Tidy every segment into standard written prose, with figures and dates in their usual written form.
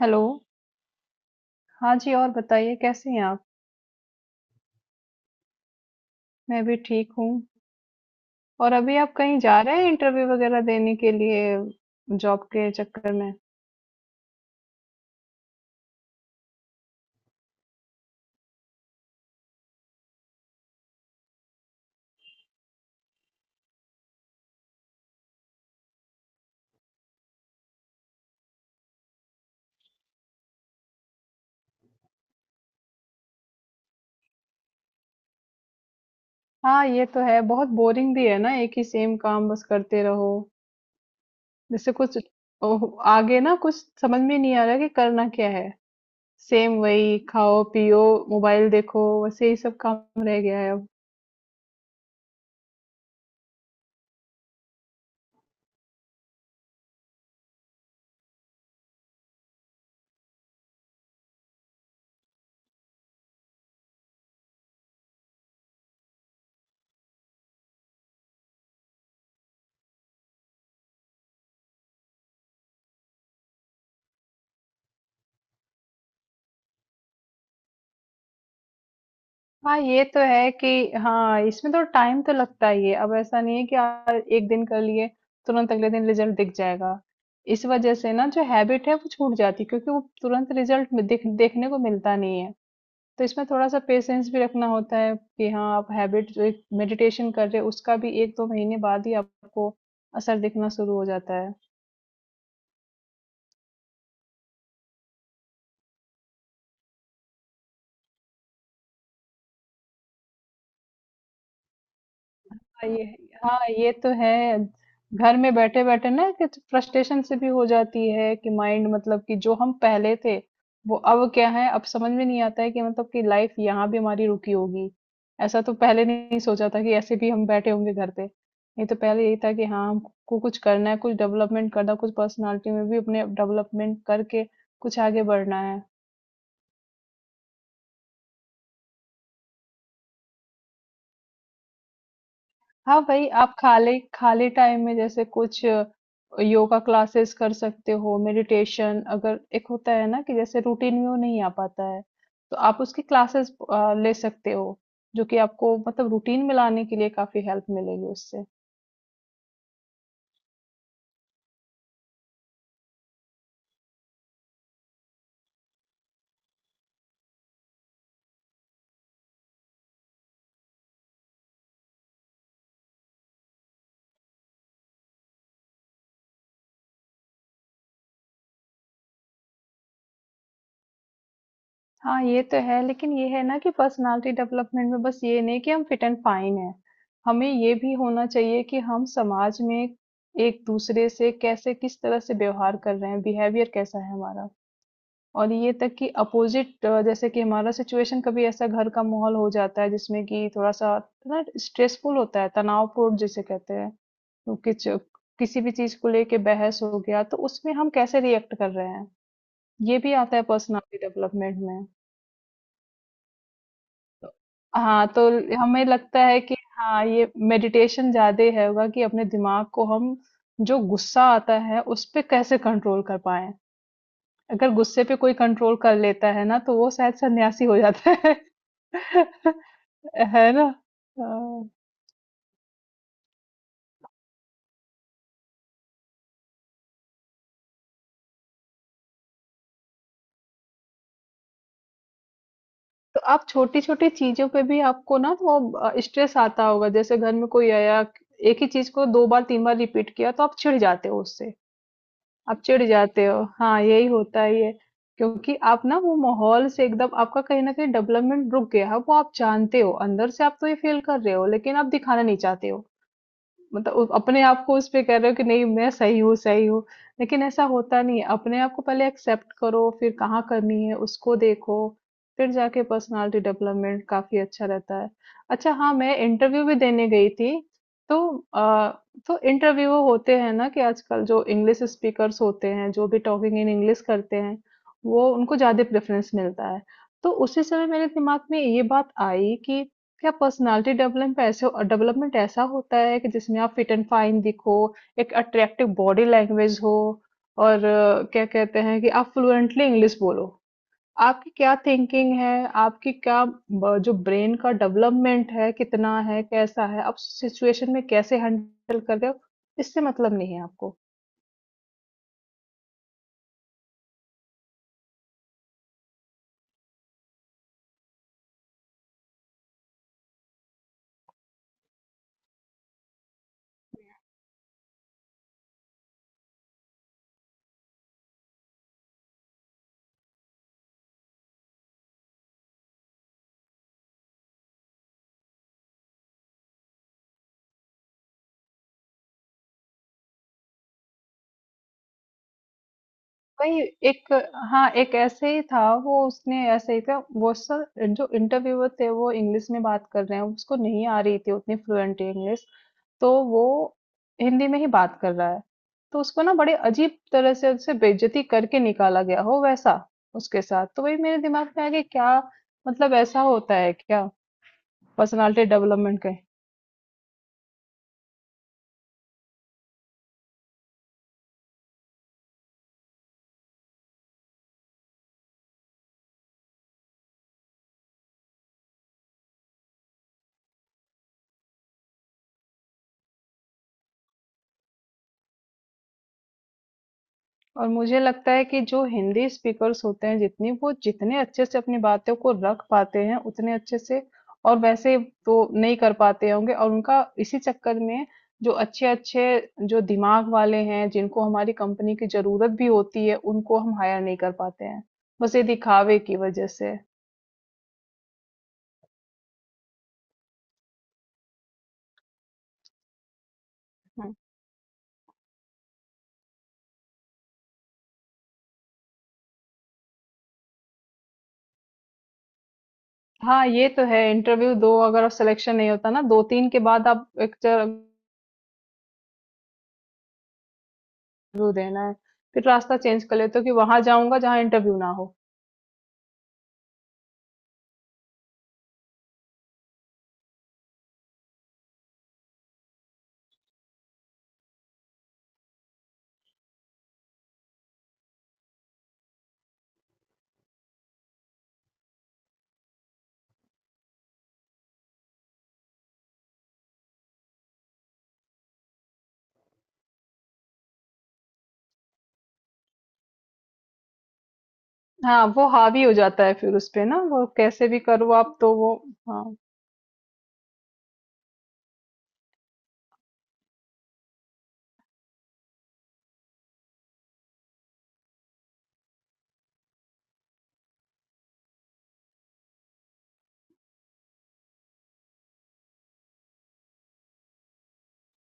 Hello. हाँ जी, और बताइए कैसे हैं आप? मैं भी ठीक हूँ। और अभी आप कहीं जा रहे हैं इंटरव्यू वगैरह देने के लिए जॉब के चक्कर में? हाँ, ये तो है। बहुत बोरिंग भी है ना, एक ही सेम काम बस करते रहो। जैसे कुछ ओह, आगे ना कुछ समझ में नहीं आ रहा कि करना क्या है। सेम वही खाओ, पियो, मोबाइल देखो, वैसे ही सब काम रह गया है अब। हाँ ये तो है कि हाँ इसमें तो टाइम तो लगता ही है। अब ऐसा नहीं है कि यार एक दिन कर लिए तुरंत अगले दिन रिजल्ट दिख जाएगा। इस वजह से ना जो हैबिट है वो छूट जाती है, क्योंकि वो तुरंत रिजल्ट देखने को मिलता नहीं है। तो इसमें थोड़ा सा पेशेंस भी रखना होता है कि हाँ आप हैबिट जो मेडिटेशन कर रहे हो, उसका भी एक दो महीने बाद ही आपको असर दिखना शुरू हो जाता है। हाँ, ये हाँ ये तो है। घर में बैठे बैठे ना कि तो फ्रस्ट्रेशन से भी हो जाती है कि माइंड, मतलब कि जो हम पहले थे वो अब क्या है, अब समझ में नहीं आता है कि मतलब कि लाइफ यहाँ भी हमारी रुकी होगी। ऐसा तो पहले नहीं सोचा था कि ऐसे भी हम बैठे होंगे घर पे, नहीं तो पहले यही था कि हाँ हमको कुछ करना है, कुछ डेवलपमेंट करना है, कुछ पर्सनालिटी में भी अपने डेवलपमेंट करके कुछ आगे बढ़ना है। हाँ भाई आप खाली खाली टाइम में जैसे कुछ योगा क्लासेस कर सकते हो। मेडिटेशन अगर एक होता है ना कि जैसे रूटीन में वो नहीं आ पाता है, तो आप उसकी क्लासेस ले सकते हो, जो कि आपको मतलब रूटीन में लाने के लिए काफी हेल्प मिलेगी उससे। हाँ ये तो है, लेकिन ये है ना कि पर्सनालिटी डेवलपमेंट में बस ये नहीं कि हम फिट एंड फाइन है। हमें ये भी होना चाहिए कि हम समाज में एक दूसरे से कैसे, किस तरह से व्यवहार कर रहे हैं, बिहेवियर कैसा है हमारा। और ये तक कि अपोज़िट जैसे कि हमारा सिचुएशन, कभी ऐसा घर का माहौल हो जाता है जिसमें कि थोड़ा-सा ना स्ट्रेसफुल होता है, तनावपूर्ण जिसे कहते हैं। तो किच किसी भी चीज़ को लेके बहस हो गया, तो उसमें हम कैसे रिएक्ट कर रहे हैं, ये भी आता है पर्सनैलिटी डेवलपमेंट में। हाँ, तो हमें लगता है कि हाँ, ये मेडिटेशन ज़्यादा है, होगा कि अपने दिमाग को हम जो गुस्सा आता है, उस पे कैसे कंट्रोल कर पाएँ। अगर गुस्से पे कोई कंट्रोल कर लेता है ना, तो वो शायद सन्यासी हो जाता है। है ना? हाँ, तो आप छोटी-छोटी चीज़ों पे भी आपको ना वो स्ट्रेस आता होगा। जैसे घर में कोई आया, एक ही चीज़ को 2 बार 3 बार रिपीट किया तो आप चिढ़ जाते हो उससे, आप चिढ़ जाते हो। हाँ, यही होता ही है। क्योंकि आप ना वो माहौल से एकदम आपका कहीं न कहीं डेवलपमेंट रुक गया है, वो आप जानते हो, अंदर से आप तो ये फ़ील कर रहे हो लेकिन आप दिखाना नहीं चाहते हो। मतलब उ अपने आप को उस पे कह रहे हो कि नहीं मैं सही हूँ, सही हूँ। लेकिन ऐसा होता नहीं है, अपने आप को पहले एक्सेप्ट करो, फिर कहाँ करनी है उसको देखो, फिर जाके पर्सनैलिटी डेवलपमेंट काफ़ी अच्छा रहता है। अच्छा हाँ, मैं इंटरव्यू भी देने गई थी, तो तो इंटरव्यू होते हैं ना कि आजकल जो इंग्लिश स्पीकर्स होते हैं, जो भी टॉकिंग इन इंग्लिश करते हैं, वो उनको ज़्यादा प्रेफ़रेंस मिलता है। तो उसी समय मेरे दिमाग में ये बात आई कि क्या पर्सनालिटी डेवलपमेंट पे ऐसे डेवलपमेंट ऐसा होता है कि जिसमें आप फिट एंड फाइन दिखो, एक अट्रैक्टिव बॉडी लैंग्वेज हो, और क्या कहते हैं कि आप फ्लुएंटली इंग्लिश बोलो। आपकी क्या थिंकिंग है, आपकी क्या जो ब्रेन का डेवलपमेंट है कितना है कैसा है, आप सिचुएशन में कैसे हैंडल कर रहे हो, इससे मतलब नहीं है आपको। वही एक हाँ, एक ऐसे ही था, वो उसने ऐसे ही था। वो सर जो इंटरव्यूअर थे वो इंग्लिश में बात कर रहे हैं, उसको नहीं आ रही थी उतनी फ्लुएंट इंग्लिश, तो वो हिंदी में ही बात कर रहा है। तो उसको ना बड़े अजीब तरह से उससे बेइज्जती करके निकाला गया हो वैसा उसके साथ। तो वही मेरे दिमाग में आ गया, क्या मतलब ऐसा होता है क्या? Personality development. और मुझे लगता है कि जो हिंदी स्पीकर्स होते हैं, जितनी वो, जितने अच्छे से अपनी बातों को रख पाते हैं उतने अच्छे से और वैसे तो नहीं कर पाते होंगे, और उनका इसी चक्कर में जो अच्छे-अच्छे, जो दिमाग वाले हैं जिनको हमारी कंपनी की ज़रूरत भी होती है, उनको हम हायर नहीं कर पाते हैं। बस ये दिखावे की वज़ह से। हुँ। हाँ, ये तो है। इंटरव्यू दो, अगर आप सिलेक्शन नहीं होता ना 2-3 के बाद, आप एक इंटरव्यू देना है। फिर रास्ता चेंज कर लेते हो कि वहाँ जाऊँगा जहाँ इंटरव्यू ना हो। हाँ वो हावी हो जाता है, फिर उस पे ना वो कैसे भी करो आप तो वो। हाँ,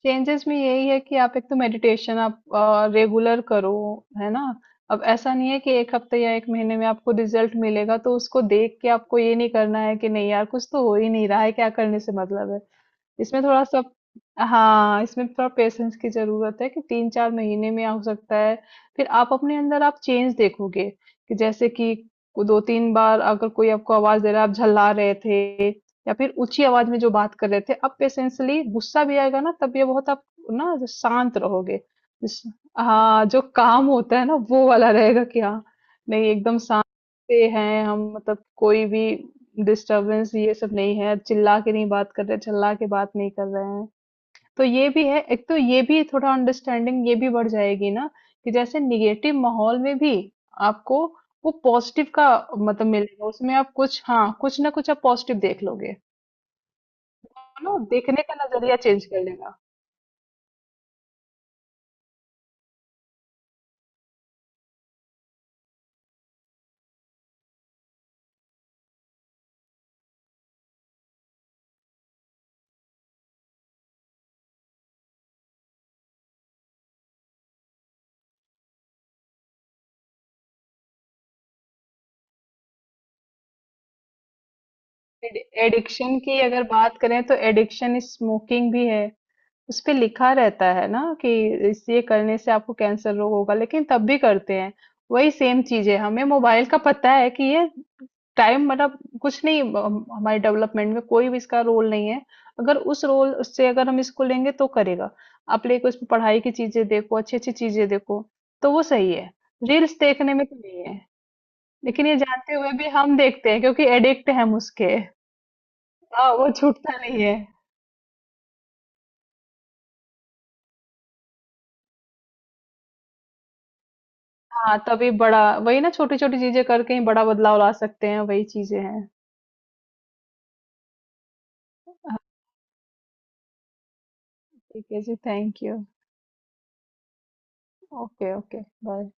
चेंजेस में यही है कि आप एक तो मेडिटेशन आप रेगुलर करो, है ना। अब ऐसा नहीं है कि एक हफ्ते या एक महीने में आपको रिजल्ट मिलेगा, तो उसको देख के आपको ये नहीं करना है कि नहीं यार कुछ तो हो ही नहीं रहा है, क्या करने से मतलब है। इसमें थोड़ा सा, हाँ, इसमें थोड़ा पेशेंस की ज़रूरत है कि 3-4 महीने में हो सकता है। फिर आप अपने अंदर आप चेंज देखोगे, कि जैसे कि 2-3 बार अगर कोई आपको आवाज़ दे रहा है, आप झल्ला रहे थे या फिर ऊँची आवाज़ में जो बात कर रहे थे, अब पेशेंसली गुस्सा भी आएगा ना, तब ये बहुत आप ना शांत रहोगे। जिस, हाँ, जो काम होता है ना, वो वाला रहेगा कि हाँ, नहीं एकदम शांत से हैं हम, मतलब कोई भी डिस्टर्बेंस ये सब नहीं है, चिल्ला के नहीं बात कर रहे, चिल्ला के बात नहीं कर रहे हैं। तो ये भी है, एक तो ये भी थोड़ा अंडरस्टैंडिंग ये भी बढ़ जाएगी ना, कि जैसे निगेटिव माहौल में भी आपको वो पॉजिटिव का मतलब मिलेगा, उसमें आप कुछ हाँ, कुछ ना कुछ आप पॉजिटिव देख लोगे। है ना, देखने का नजरिया चेंज कर लेगा। एडिक्शन की अगर बात करें तो एडिक्शन स्मोकिंग भी है, उसपे लिखा रहता है ना कि इस ये करने से आपको कैंसर रोग होगा, लेकिन तब भी करते हैं। वही सेम चीज है, हमें मोबाइल का पता है कि ये टाइम मतलब कुछ नहीं, हमारे डेवलपमेंट में कोई भी इसका रोल नहीं है। अगर उस रोल उससे अगर हम इसको लेंगे तो करेगा, आप लेके उसमें पढ़ाई की चीजें देखो, अच्छी अच्छी चीजें देखो, तो वो सही है। रील्स देखने में तो नहीं है। लेकिन ये जानते हुए भी हम देखते हैं क्योंकि एडिक्ट हैं हम उसके। हाँ वो छूटता नहीं है। हाँ तभी बड़ा, वही ना छोटी छोटी चीजें करके ही बड़ा बदलाव ला सकते हैं, वही चीजें हैं। हाँ, ठीक है जी, thank you. Okay okay bye.